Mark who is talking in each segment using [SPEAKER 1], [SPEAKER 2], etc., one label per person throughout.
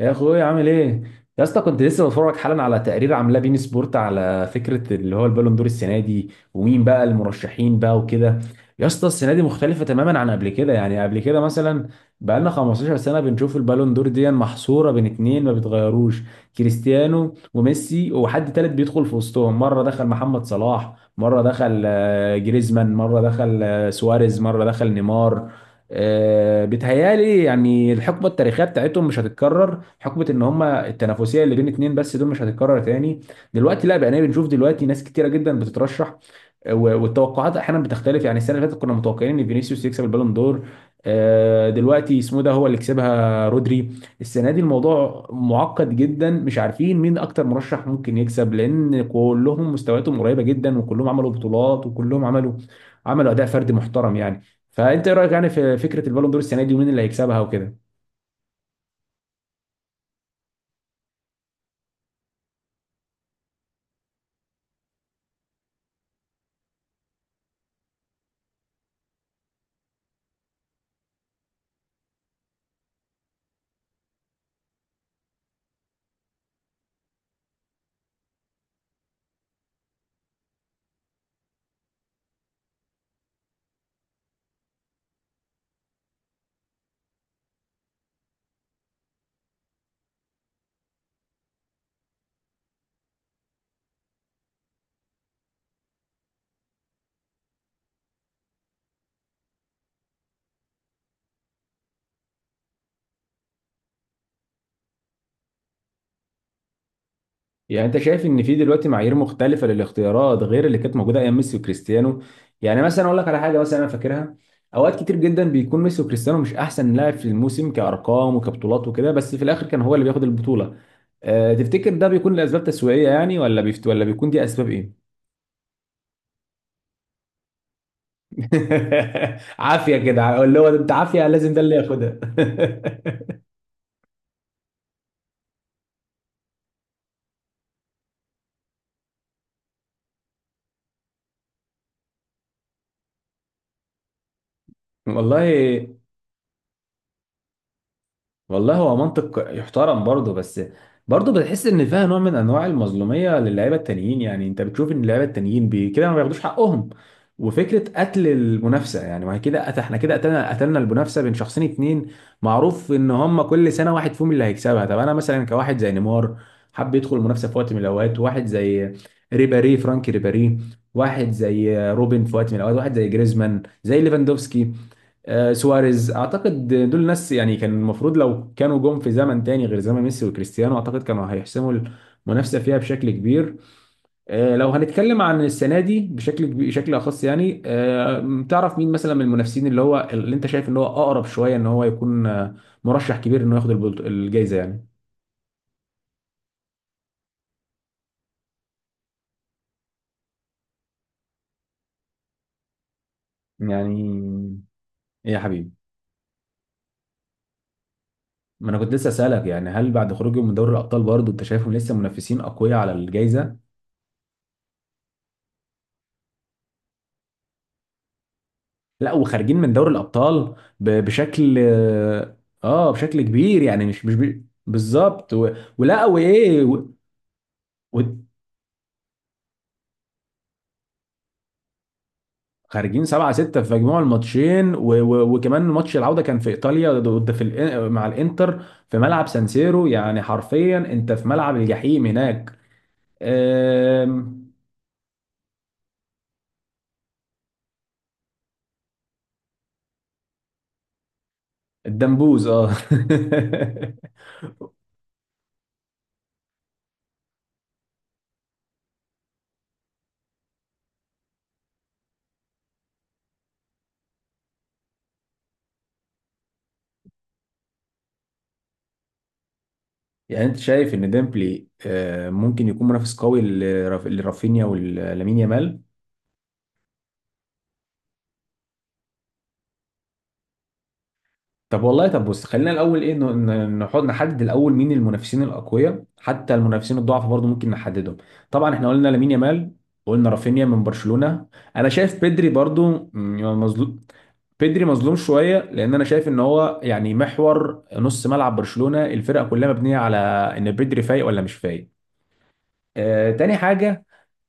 [SPEAKER 1] يا اخويا عامل ايه؟ يا اسطى كنت لسه بتفرج حالا على تقرير عاملاه بين سبورت، على فكره اللي هو البالون دور السنه دي ومين بقى المرشحين بقى وكده. يا اسطى السنه دي مختلفه تماما عن قبل كده، يعني قبل كده مثلا بقى لنا 15 سنه بنشوف البالون دور دي محصوره بين اتنين ما بيتغيروش، كريستيانو وميسي، وحد تالت بيدخل في وسطهم، مره دخل محمد صلاح، مره دخل جريزمان، مره دخل سواريز، مره دخل نيمار. بيتهيالي يعني الحقبه التاريخيه بتاعتهم مش هتتكرر، حقبه ان هما التنافسيه اللي بين اتنين بس دول مش هتتكرر تاني. دلوقتي لا، بقينا بنشوف دلوقتي ناس كتيره جدا بتترشح. والتوقعات احيانا بتختلف، يعني السنه اللي فاتت كنا متوقعين ان فينيسيوس يكسب البالون دور. دلوقتي اسمه إيه ده، هو اللي كسبها رودري. السنه دي الموضوع معقد جدا، مش عارفين مين اكتر مرشح ممكن يكسب، لان كلهم مستوياتهم قريبه جدا، وكلهم عملوا بطولات، وكلهم عملوا اداء فردي محترم يعني. فانت ايه رايك يعني في فكره البالون دور السنه دي ومين اللي هيكسبها وكده؟ يعني انت شايف ان في دلوقتي معايير مختلفه للاختيارات غير اللي كانت موجوده ايام ميسي وكريستيانو؟ يعني مثلا اقول لك على حاجه مثلا انا فاكرها، اوقات كتير جدا بيكون ميسي وكريستيانو مش احسن لاعب في الموسم كارقام وكبطولات وكده، بس في الاخر كان هو اللي بياخد البطوله. أه، تفتكر ده بيكون لاسباب تسويقيه يعني، ولا بيفت ولا بيكون، دي اسباب ايه؟ عافيه كده اللي هو انت عافيه لازم ده اللي ياخدها. والله، والله هو منطق يحترم برضه، بس برضه بتحس ان فيها نوع من انواع المظلوميه للاعيبه التانيين، يعني انت بتشوف ان اللعيبه التانيين كده ما بياخدوش حقهم. وفكره قتل المنافسه، يعني ما هي كده احنا كده قتلنا المنافسه بين شخصين اتنين، معروف ان هم كل سنه واحد فيهم اللي هيكسبها. طب انا مثلا كواحد زي نيمار حب يدخل المنافسه في وقت من الاوقات، واحد زي ريبيري، فرانكي ريبيري، واحد زي روبن في وقت من الاوقات، واحد زي جريزمان، زي ليفاندوفسكي، سواريز، اعتقد دول ناس يعني كان المفروض لو كانوا جم في زمن تاني غير زمن ميسي وكريستيانو، اعتقد كانوا هيحسموا المنافسه فيها بشكل كبير. لو هنتكلم عن السنه دي بشكل اخص يعني، تعرف مين مثلا من المنافسين اللي هو، اللي انت شايف ان هو اقرب شويه ان هو يكون مرشح كبير انه ياخد الجائزه يعني؟ يعني ايه يا حبيبي؟ ما انا كنت لسه اسالك يعني، هل بعد خروجهم من دوري الابطال برضه انت شايفهم لسه منافسين اقوياء على الجائزه؟ لا، وخارجين من دوري الابطال بشكل، اه بشكل كبير يعني، مش مش بي- بالظبط. ولا وايه؟ و... خارجين 7-6 في مجموع الماتشين، وكمان ماتش العوده كان في ايطاليا، ضد في مع الانتر، في ملعب سانسيرو، يعني حرفيا انت في ملعب الجحيم هناك. آم... الدمبوز، اه. يعني انت شايف ان ديمبلي ممكن يكون منافس قوي لرافينيا ولامين يامال؟ طب والله، طب بص، خلينا الاول ايه نحط، نحدد الاول مين المنافسين الاقوياء، حتى المنافسين الضعف برضو ممكن نحددهم. طبعا احنا قلنا لامين يامال، قلنا رافينيا من برشلونة، انا شايف بيدري برضو، يعني مظلوم. بيدري مظلوم شويه، لان انا شايف ان هو يعني محور نص ملعب برشلونه، الفرقه كلها مبنيه على ان بيدري فايق ولا مش فايق. آه، تاني حاجه،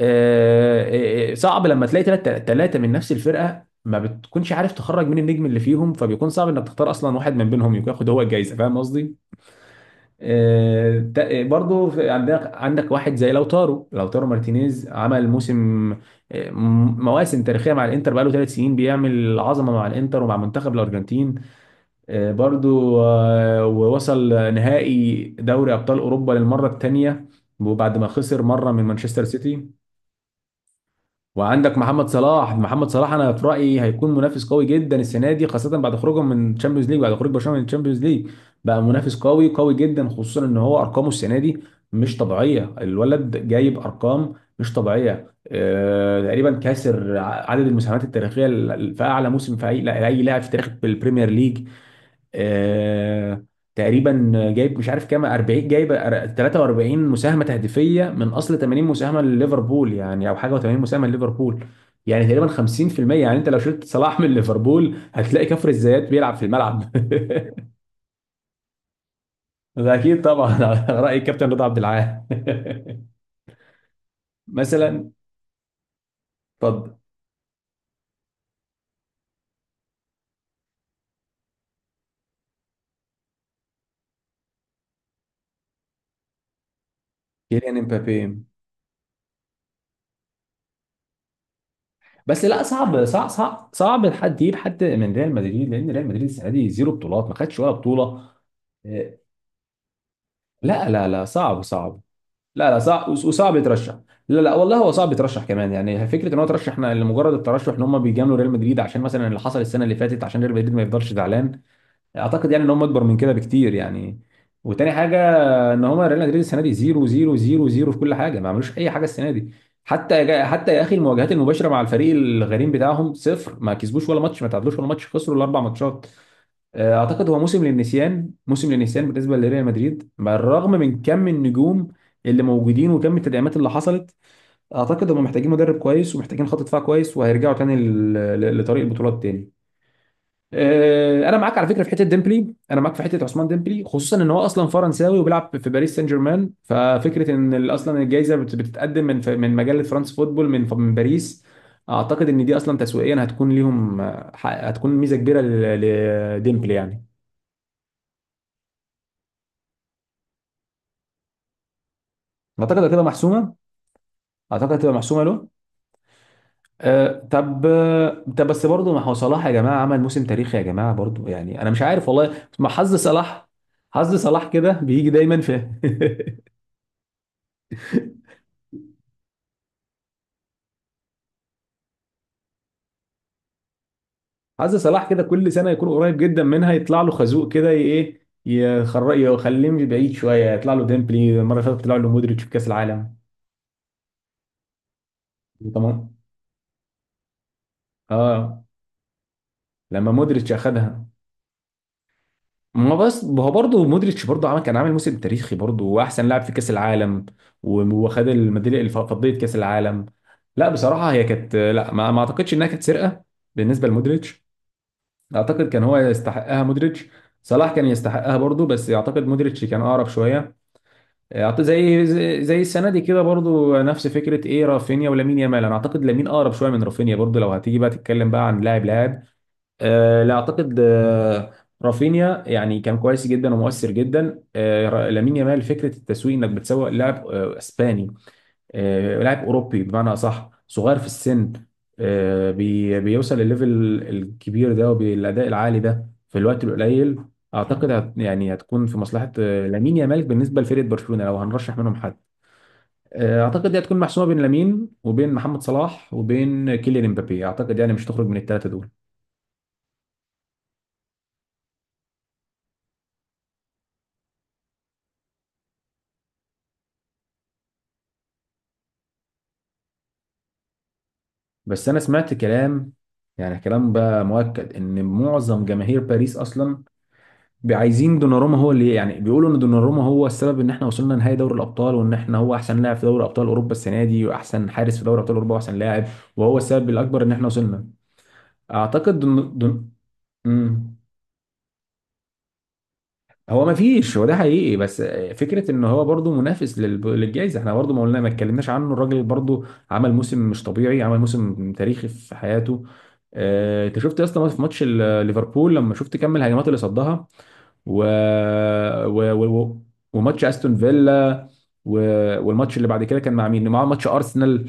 [SPEAKER 1] صعب لما تلاقي ثلاثة من نفس الفرقة، ما بتكونش عارف تخرج مين النجم اللي فيهم، فبيكون صعب انك تختار اصلا واحد من بينهم يكون ياخد هو الجايزة، فاهم قصدي؟ برضو عندك، عندك واحد زي لوتارو، لوتارو مارتينيز، عمل موسم، مواسم تاريخية مع الانتر، بقاله ثلاث سنين بيعمل عظمة مع الانتر ومع منتخب الارجنتين. برضو ووصل نهائي دوري ابطال اوروبا للمرة الثانية، وبعد ما خسر مرة من مانشستر سيتي. وعندك محمد صلاح، محمد صلاح انا في رايي هيكون منافس قوي جدا السنه دي، خاصه بعد خروجهم من تشامبيونز ليج، بعد خروج برشلونه من تشامبيونز ليج بقى منافس قوي قوي جدا، خصوصا ان هو ارقامه السنه دي مش طبيعيه، الولد جايب ارقام مش طبيعيه. تقريبا كاسر عدد المساهمات التاريخيه في اعلى موسم في اي لا- اي لاعب في تاريخ البريمير ليج. آه، تقريبا جايب مش عارف كام، 40 جايب، 43 مساهمه تهديفيه من اصل 80 مساهمه لليفربول يعني، او حاجه و80 مساهمه لليفربول، يعني تقريبا 50%. يعني انت لو شلت صلاح من ليفربول هتلاقي كفر الزيات بيلعب في الملعب. ده اكيد طبعا، على راي الكابتن رضا عبد العال. مثلا، اتفضل، كيليان امبابي. بس لا، صعب صعب صعب صعب حد يجيب حد من ريال مدريد، لان ريال مدريد السنه دي زيرو بطولات، ما خدش ولا بطوله. آه، لا لا لا، صعب صعب. لا لا، صعب وصعب يترشح. لا لا والله، هو صعب يترشح كمان، يعني فكره ان هو ترشح احنا لمجرد الترشح، ان هم بيجاملوا ريال مدريد عشان مثلا اللي حصل السنه اللي فاتت، عشان ريال مدريد ما يفضلش زعلان، اعتقد يعني ان هم اكبر من كده بكتير يعني. وتاني حاجه، فان هم ريال مدريد السنه دي 0 0 0 0 في كل حاجه، ما عملوش اي حاجه السنه دي، حتى حتى يا اخي المواجهات المباشره مع الفريق الغريم بتاعهم صفر، ما كسبوش ولا ماتش، ما تعادلوش ولا ماتش، خسروا الاربع ماتشات. اعتقد هو موسم للنسيان، موسم للنسيان بالنسبه لريال مدريد، بالرغم من كم النجوم اللي موجودين وكم التدعيمات اللي حصلت. اعتقد هم محتاجين مدرب كويس، ومحتاجين خط دفاع كويس، وهيرجعوا تاني لطريق البطولات تاني. انا معاك على فكره في حته ديمبلي، انا معاك في حته عثمان ديمبلي، خصوصا ان هو اصلا فرنساوي وبيلعب في باريس سان جيرمان، ففكره ان اصلا الجائزه بتتقدم من من مجله فرانس فوتبول، من من باريس، اعتقد ان دي اصلا تسويقيا هتكون ليهم، هتكون ميزه كبيره لديمبلي يعني. اعتقد هتبقى محسومه، اعتقد هتبقى محسومه له. أه طب، طب بس برضه، ما هو صلاح يا جماعه عمل موسم تاريخي يا جماعه برضه، يعني انا مش عارف والله، ما حظ صلاح، حظ صلاح كده بيجي دايما في... عايز صلاح كده كل سنه يكون قريب جدا منها، يطلع له خازوق كده، ايه، يخليه بعيد شويه، يطلع له ديمبلي، المره اللي فاتت طلع له مودريتش في كاس العالم. تمام، اه، لما مودريتش اخدها. ما بس هو برضه مودريتش برضه عمل، كان عامل موسم تاريخي برضه، واحسن لاعب في كاس العالم، وخد الميداليه فضيه كاس العالم. لا بصراحه هي كانت، لا ما اعتقدش انها كانت سرقه بالنسبه لمودريتش، اعتقد كان هو يستحقها مودريتش. صلاح كان يستحقها برضه، بس اعتقد مودريتش كان اقرب شويه. اعتقد زي، زي السنه دي كده برضو، نفس فكره ايه رافينيا ولامين يامال. انا اعتقد لامين اقرب شويه من رافينيا برضو، لو هتيجي بقى تتكلم بقى عن لاعب لاعب. آه لا اعتقد، آه رافينيا يعني كان كويس جدا ومؤثر جدا. لامين يامال فكره التسويق انك بتسوق لاعب آه اسباني، لاعب اوروبي بمعنى اصح، صغير في السن، بيوصل للليفل الكبير ده وبالاداء العالي ده في الوقت القليل، اعتقد هت، يعني هتكون في مصلحه لامين يامال بالنسبه لفريق برشلونه لو هنرشح منهم حد. اعتقد دي هتكون محسومه بين لامين وبين محمد صلاح وبين كيليان امبابي، اعتقد يعني مش تخرج من الثلاثه دول. بس انا سمعت كلام، يعني كلام بقى مؤكد ان معظم جماهير باريس اصلا عايزين دوناروما، هو اللي يعني بيقولوا ان دوناروما هو السبب ان احنا وصلنا نهائي دوري الابطال، وان احنا هو احسن لاعب في دوري ابطال اوروبا السنه دي، واحسن حارس في دوري ابطال اوروبا، واحسن لاعب، وهو السبب الاكبر ان احنا وصلنا. اعتقد مم. هو ما فيش، هو ده حقيقي، بس فكره ان هو برضو منافس للجائزه، احنا برضو ما قلنا، ما اتكلمناش عنه، الراجل برضو عمل موسم مش طبيعي، عمل موسم تاريخي في حياته. انت شفت يا اسطى في ماتش ليفربول لما شفت كم الهجمات اللي صدها، و... و... و... وماتش استون فيلا، و... والماتش اللي بعد كده كان مع مين؟ معاه ماتش ارسنال.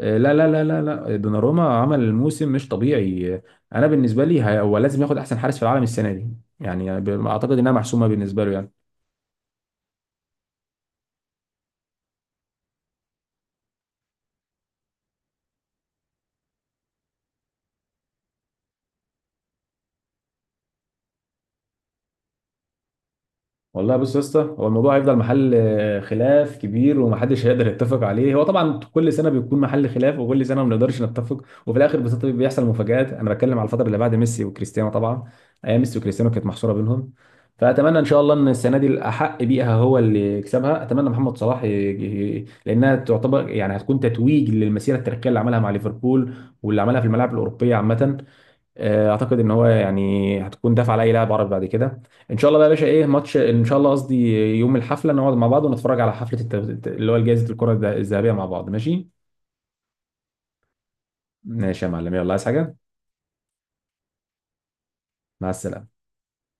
[SPEAKER 1] لا لا لا لا لا، دوناروما عمل موسم مش طبيعي. انا بالنسبه لي هو لازم ياخد احسن حارس في العالم السنه دي، يعني اعتقد انها محسومه بالنسبه له يعني. والله بص يا اسطى، هو الموضوع هيفضل محل خلاف كبير ومحدش هيقدر يتفق عليه، هو طبعا كل سنه بيكون محل خلاف، وكل سنه ما بنقدرش نتفق، وفي الاخر بس بيحصل مفاجآت. انا بتكلم على الفتره اللي بعد ميسي وكريستيانو طبعا، ايام ميسي وكريستيانو كانت محصوره بينهم. فاتمنى ان شاء الله ان السنه دي الاحق بيها هو اللي يكسبها، اتمنى محمد صلاح لانها تعتبر يعني هتكون تتويج للمسيره التاريخيه اللي عملها مع ليفربول، واللي عملها في الملاعب الاوروبيه عامه. اعتقد ان هو يعني هتكون دافع على اي لاعب عربي بعد كده. ان شاء الله بقى يا باشا، ايه ماتش ان شاء الله قصدي، يوم الحفله نقعد مع بعض ونتفرج على حفله اللي هو جائزه الكره الذهبيه مع بعض، ماشي؟ ماشي يا معلم، يلا، عايز حاجه؟ مع السلامه.